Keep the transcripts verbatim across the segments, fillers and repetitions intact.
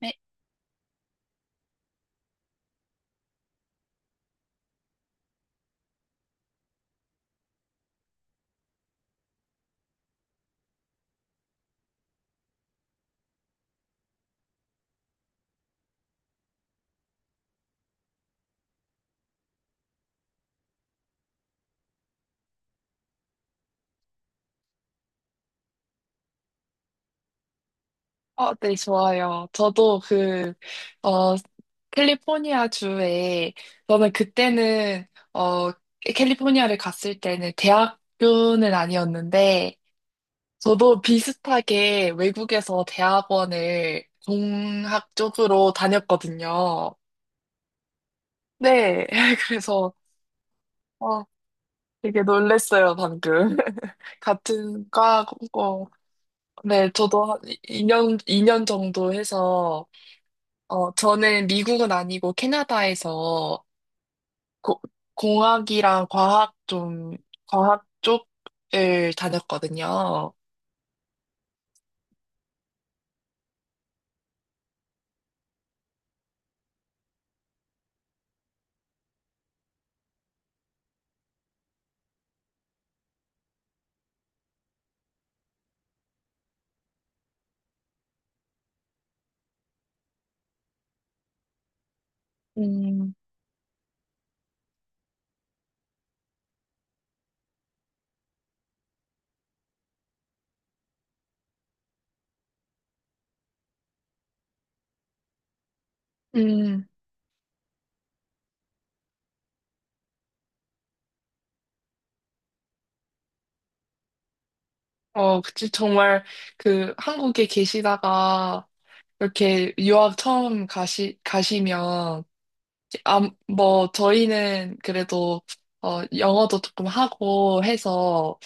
네, 어, 네, 좋아요. 저도 그, 어, 캘리포니아 주에, 저는 그때는, 어, 캘리포니아를 갔을 때는 대학교는 아니었는데, 저도 비슷하게 외국에서 대학원을 공학 쪽으로 다녔거든요. 네, 그래서, 어, 되게 놀랬어요, 방금. 같은 과고, 네, 저도 한 이년 이 년 정도 해서, 어, 저는 미국은 아니고 캐나다에서 고- 공학이랑 과학 좀, 과학 쪽을 다녔거든요. 음, 음, 어, 그치. 정말 그 한국에 계시다가 이렇게 유학 처음 가시, 가시면 아, 뭐, 저희는 그래도, 어, 영어도 조금 하고 해서,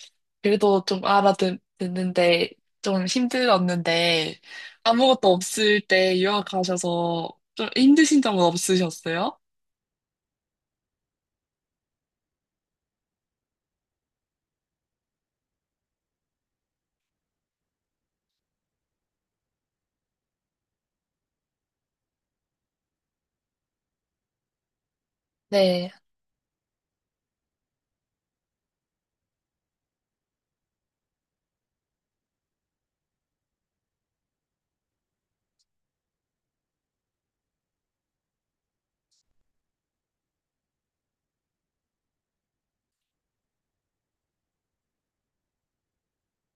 그래도 좀 알아듣는데, 좀 힘들었는데, 아무것도 없을 때 유학 가셔서 좀 힘드신 점은 없으셨어요? 네.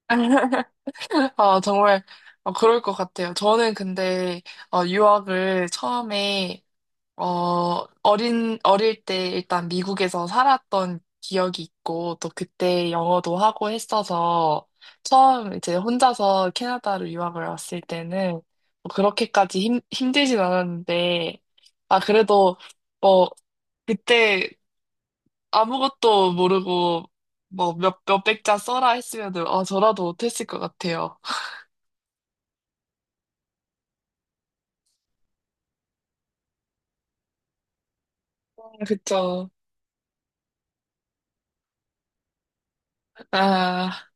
아, 정말, 어, 그럴 것 같아요. 저는 근데, 어, 유학을 처음에 어, 어린, 어릴 때 일단 미국에서 살았던 기억이 있고, 또 그때 영어도 하고 했어서, 처음 이제 혼자서 캐나다로 유학을 왔을 때는, 뭐 그렇게까지 힘, 힘들진 않았는데, 아, 그래도, 뭐, 그때 아무것도 모르고, 뭐, 몇, 몇백 자 써라 했으면, 은 아, 저라도 못했을 것 같아요. 아, 그쵸. 아,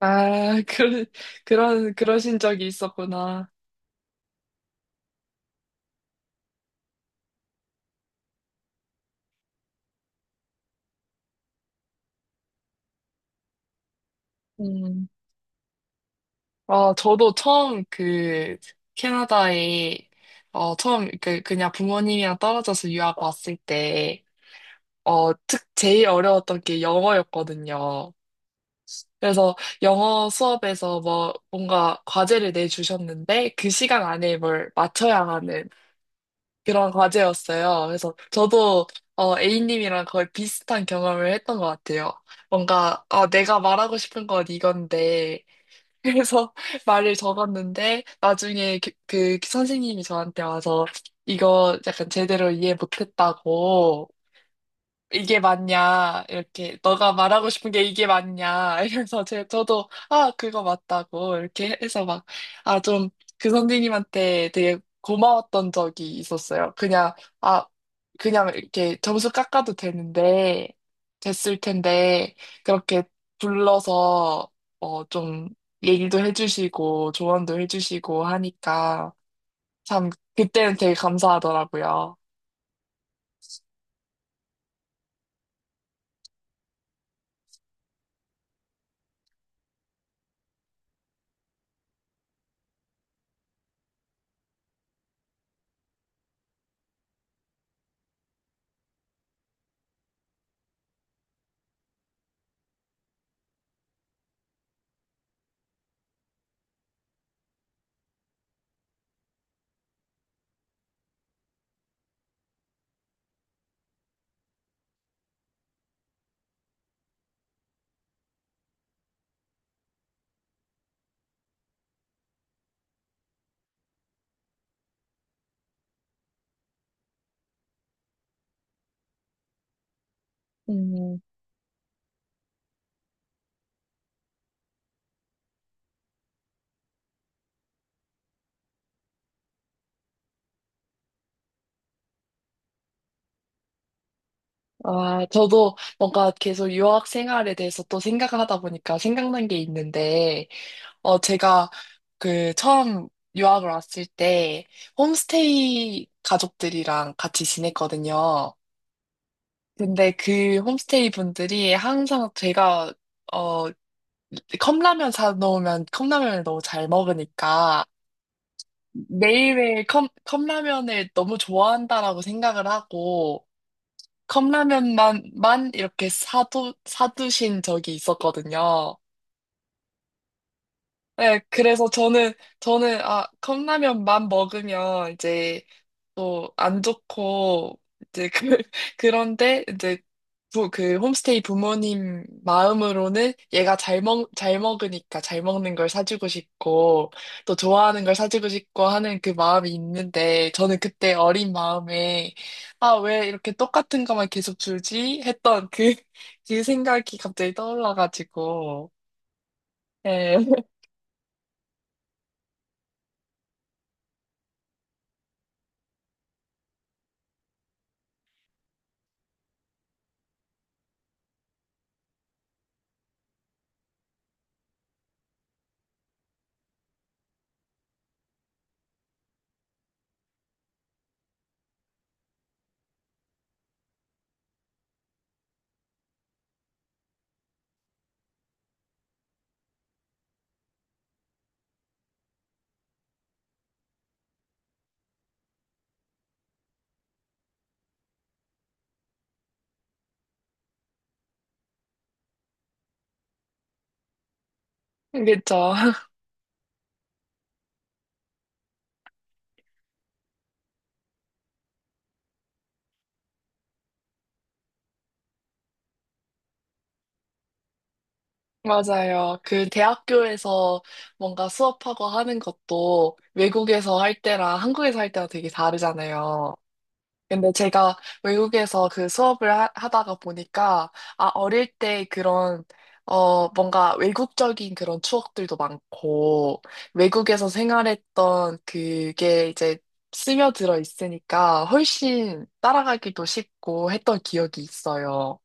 아, 그, 그런, 그러신 적이 있었구나. 음. 아, 저도 처음 그 캐나다에 어 처음 그 그냥 부모님이랑 떨어져서 유학 왔을 때 어 특 제일 어려웠던 게 영어였거든요. 그래서 영어 수업에서 뭐 뭔가 과제를 내주셨는데 그 시간 안에 뭘 맞춰야 하는 그런 과제였어요. 그래서 저도 어 A님이랑 거의 비슷한 경험을 했던 것 같아요. 뭔가 아 내가 말하고 싶은 건 이건데 그래서 말을 적었는데 나중에 그, 그 선생님이 저한테 와서 이거 약간 제대로 이해 못했다고 이게 맞냐, 이렇게, 너가 말하고 싶은 게 이게 맞냐, 이래서 제, 저도, 아, 그거 맞다고, 이렇게 해서 막, 아, 좀, 그 선생님한테 되게 고마웠던 적이 있었어요. 그냥, 아, 그냥 이렇게 점수 깎아도 되는데, 됐을 텐데, 그렇게 불러서, 어, 좀, 얘기도 해주시고, 조언도 해주시고 하니까, 참, 그때는 되게 감사하더라고요. 음. 아, 저도 뭔가 계속 유학 생활에 대해서 또 생각하다 보니까 생각난 게 있는데, 어, 제가 그 처음 유학을 왔을 때 홈스테이 가족들이랑 같이 지냈거든요. 근데 그 홈스테이 분들이 항상 제가, 어, 컵라면 사놓으면 컵라면을 너무 잘 먹으니까 매일매일 컵, 컵라면을 너무 좋아한다라고 생각을 하고, 컵라면만 만 이렇게 사두 사두신 적이 있었거든요. 네, 그래서 저는 저는 아 컵라면만 먹으면 이제 또 안 좋고 이제 그 그런데 이제 부, 그 홈스테이 부모님 마음으로는 얘가 잘 먹, 잘 먹으니까 잘 먹는 걸 사주고 싶고 또 좋아하는 걸 사주고 싶고 하는 그 마음이 있는데 저는 그때 어린 마음에 아, 왜 이렇게 똑같은 것만 계속 주지? 했던 그, 그 생각이 갑자기 떠올라가지고. 예, 그렇죠. 맞아요. 그 대학교에서 뭔가 수업하고 하는 것도 외국에서 할 때랑 한국에서 할 때랑 되게 다르잖아요. 근데 제가 외국에서 그 수업을 하, 하다가 보니까, 아, 어릴 때 그런, 어, 뭔가 외국적인 그런 추억들도 많고, 외국에서 생활했던 그게 이제 스며들어 있으니까 훨씬 따라가기도 쉽고 했던 기억이 있어요.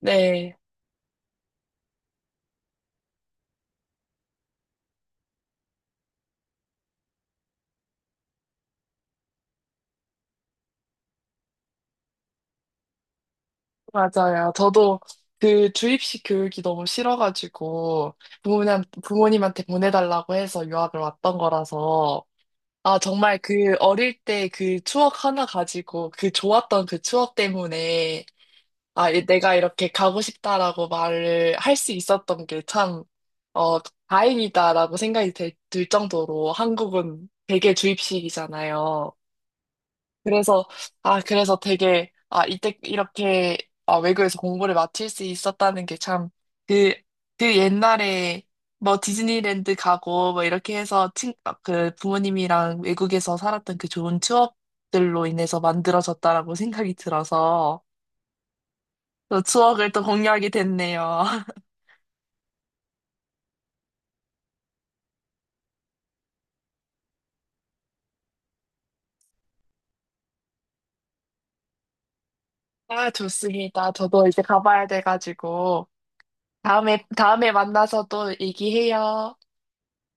네, 맞아요. 저도 그 주입식 교육이 너무 싫어가지고, 부모님, 부모님한테 보내달라고 해서 유학을 왔던 거라서, 아, 정말 그 어릴 때 그 추억 하나 가지고 그 좋았던 그 추억 때문에 아, 이- 내가 이렇게 가고 싶다라고 말을 할 수 있었던 게 참, 어, 다행이다라고 생각이 들, 들 정도로 한국은 대개 주입식이잖아요. 그래서, 아, 그래서 되게, 아, 이때 이렇게, 아, 외국에서 공부를 마칠 수 있었다는 게 참, 그, 그 옛날에, 뭐, 디즈니랜드 가고, 뭐, 이렇게 해서, 친, 아, 그, 부모님이랑 외국에서 살았던 그 좋은 추억들로 인해서 만들어졌다라고 생각이 들어서, 또 추억을 또 공유하게 됐네요. 아, 좋습니다. 저도 이제 가봐야 돼가지고, 다음에, 다음에 만나서 또 얘기해요.